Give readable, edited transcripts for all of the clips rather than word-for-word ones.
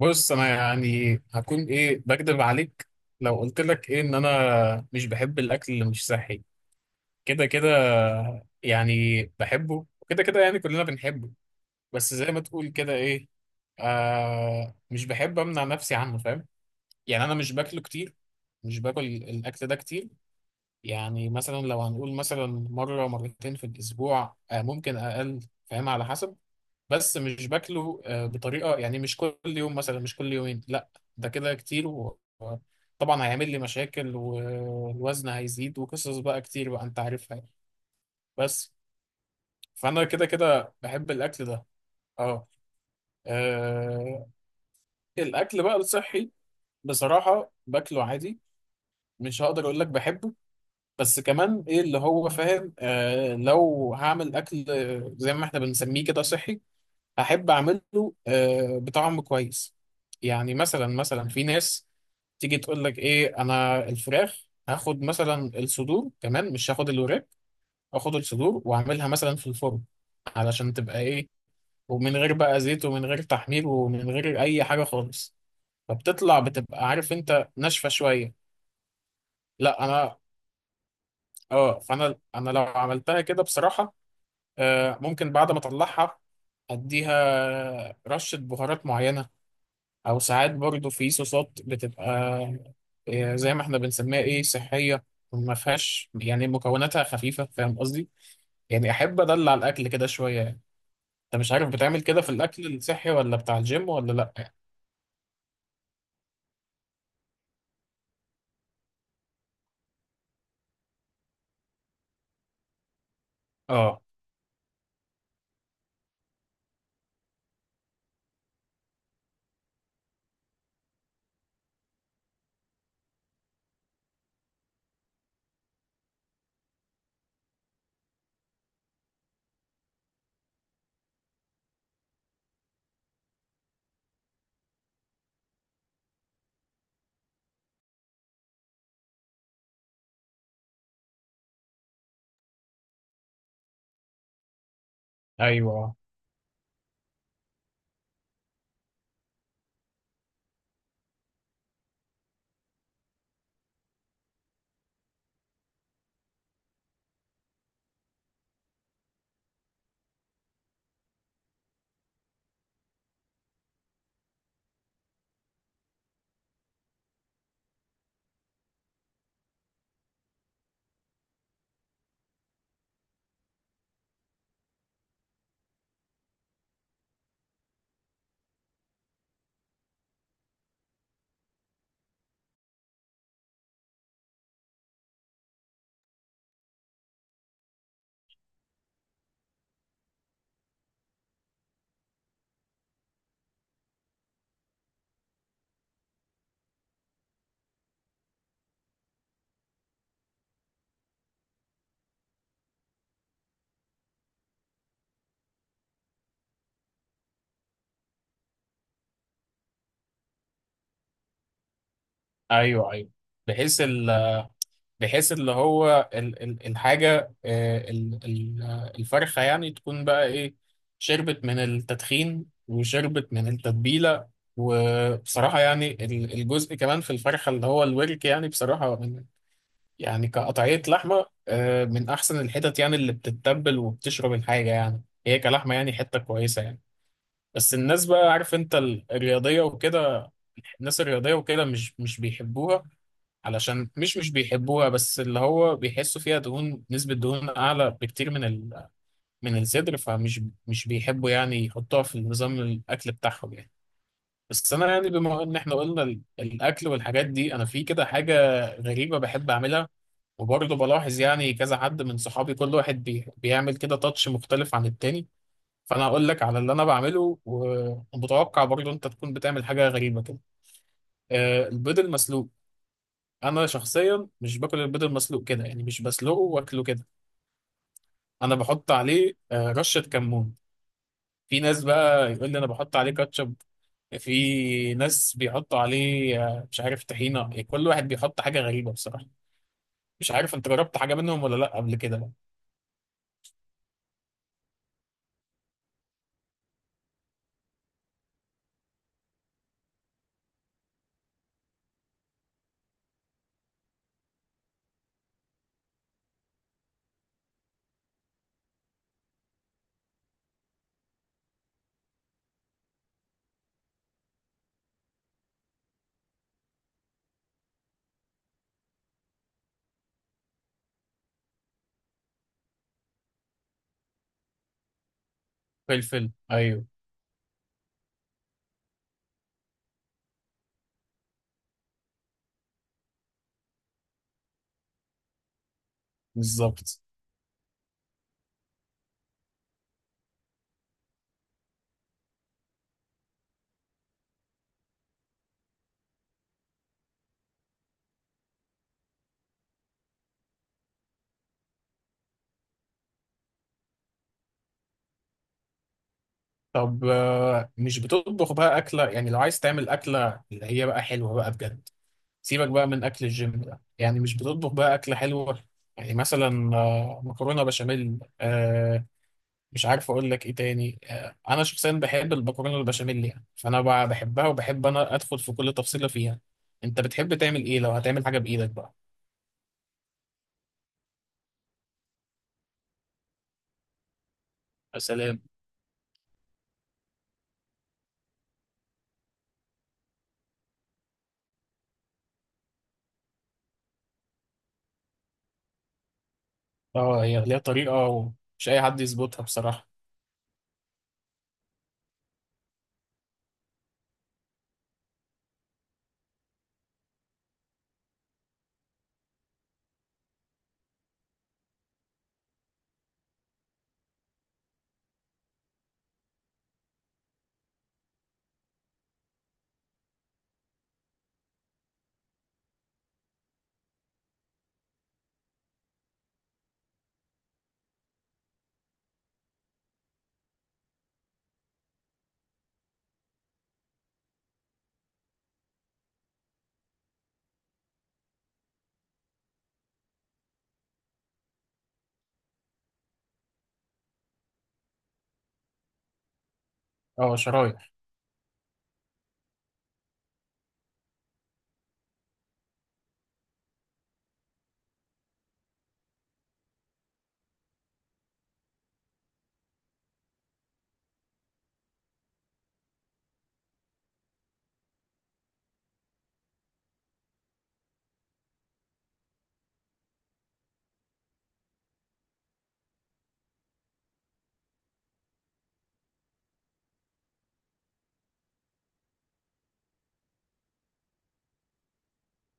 بص انا يعني هكون ايه بكدب عليك لو قلت لك ايه ان انا مش بحب الاكل اللي مش صحي. كده كده يعني بحبه، وكده كده يعني كلنا بنحبه. بس زي ما تقول كده ايه، آه مش بحب امنع نفسي عنه، فاهم؟ يعني انا مش باكله كتير، مش باكل الاكل ده كتير. يعني مثلا لو هنقول مثلا مره مرتين في الاسبوع، آه ممكن اقل، فاهم؟ على حسب. بس مش باكله آه، بطريقه يعني مش كل يوم مثلا، مش كل يومين، لا. ده كده كتير و- وطبعا هيعمل لي مشاكل، والوزن هيزيد، وقصص بقى كتير بقى انت عارفها يعني. بس فانا كده كده بحب الاكل ده. اه آه، الاكل بقى الصحي بصراحه باكله عادي. مش هقدر اقول لك بحبه، بس كمان ايه اللي هو فاهم، آه لو هعمل اكل زي ما احنا بنسميه كده صحي احب اعمله. آه، بطعم كويس. يعني مثلا في ناس تيجي تقول لك ايه، انا الفراخ هاخد مثلا الصدور، كمان مش هاخد الوراك، هاخد الصدور واعملها مثلا في الفرن، علشان تبقى ايه، ومن غير بقى زيت ومن غير تحمير ومن غير اي حاجه خالص. فبتطلع بتبقى عارف انت ناشفه شويه. لا انا، اه فانا انا لو عملتها كده بصراحه آه، ممكن بعد ما اطلعها اديها رشه بهارات معينه، او ساعات برضو في صوصات بتبقى آه، زي ما احنا بنسميها ايه صحيه، ما فيهاش يعني مكوناتها خفيفه، فاهم قصدي؟ يعني احب ادلع الاكل كده شويه يعني. انت مش عارف بتعمل كده في الاكل الصحي ولا بتاع الجيم ولا لا؟ اه، ايوه آه، ايوه ايوه. بحيث ال بحيث اللي هو ال الحاجة آه، ال آه، الفرخة يعني تكون بقى إيه، شربت من التدخين وشربت من التتبيلة. وبصراحة يعني الجزء كمان في الفرخة اللي هو الورك، يعني بصراحة من، يعني كقطعية لحمة آه، من أحسن الحتت يعني، اللي بتتبل وبتشرب الحاجة، يعني هي كلحمة يعني حتة كويسة يعني. بس الناس بقى، عارف أنت الرياضية وكده، الناس الرياضية وكده مش بيحبوها، علشان مش بيحبوها، بس اللي هو بيحسوا فيها دهون، نسبة دهون أعلى بكتير من ال... من الصدر، فمش، مش بيحبوا يعني يحطوها في نظام الأكل بتاعهم يعني. بس أنا يعني بما إن إحنا قلنا الأكل والحاجات دي، أنا في كده حاجة غريبة بحب أعملها. وبرضه بلاحظ يعني كذا حد من صحابي كل واحد بيعمل كده تاتش مختلف عن التاني. فأنا هقول لك على اللي أنا بعمله، ومتوقع برضه أنت تكون بتعمل حاجة غريبة كده. آه، البيض المسلوق. انا شخصيا مش باكل البيض المسلوق كده، يعني مش بسلقه واكله كده. انا بحط عليه آه، رشه كمون. في ناس بقى يقول لي انا بحط عليه كاتشب، في ناس بيحطوا عليه آه، مش عارف طحينه، يعني كل واحد بيحط حاجه غريبه بصراحه. مش عارف انت جربت حاجه منهم ولا لا قبل كده بقى؟ فلفل، ايوه، بالظبط. طب آه، مش بتطبخ بقى اكله؟ يعني لو عايز تعمل اكله اللي هي بقى حلوه بقى بجد، سيبك بقى من اكل الجيم ده، يعني مش بتطبخ بقى اكله حلوه؟ يعني مثلا آه، مكرونه بشاميل آه، مش عارف اقول لك ايه تاني، آه انا شخصيا بحب المكرونه البشاميل يعني، فانا بقى بحبها وبحب انا ادخل في كل تفصيله فيها. انت بتحب تعمل ايه لو هتعمل حاجه بايدك بقى؟ يا سلام. اه هي ليها طريقه ومش اي حد يظبطها بصراحه. اه شرايح.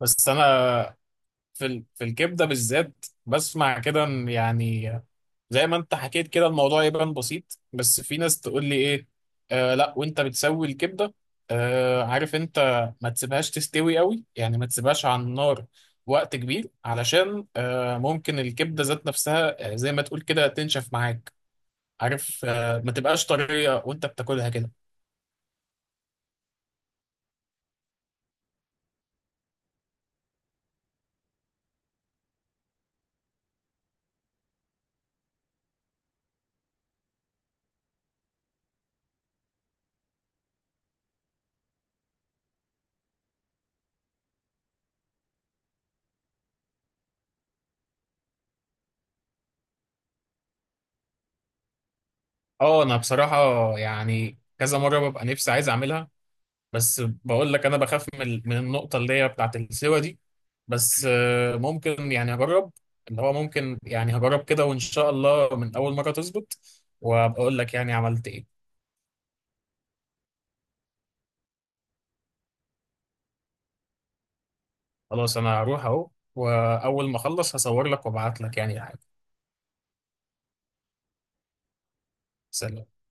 بس انا في في الكبده بالذات بسمع كده ان يعني، زي ما انت حكيت كده الموضوع يبان بسيط، بس في ناس تقول لي ايه، آه لا وانت بتسوي الكبده آه، عارف انت، ما تسيبهاش تستوي قوي، يعني ما تسيبهاش على النار وقت كبير، علشان آه ممكن الكبده ذات نفسها آه، زي ما تقول كده تنشف معاك، عارف، آه ما تبقاش طريه وانت بتاكلها كده. اه انا بصراحه يعني كذا مره ببقى نفسي عايز اعملها، بس بقول لك انا بخاف من النقطه اللي هي بتاعت السوا دي. بس آه، ممكن يعني هجرب، اللي هو ممكن يعني هجرب كده، وان شاء الله من اول مره تظبط، وابقى اقول لك يعني عملت ايه. خلاص انا هروح اهو، واول ما اخلص هصور لك وابعت لك يعني حاجه. سلام.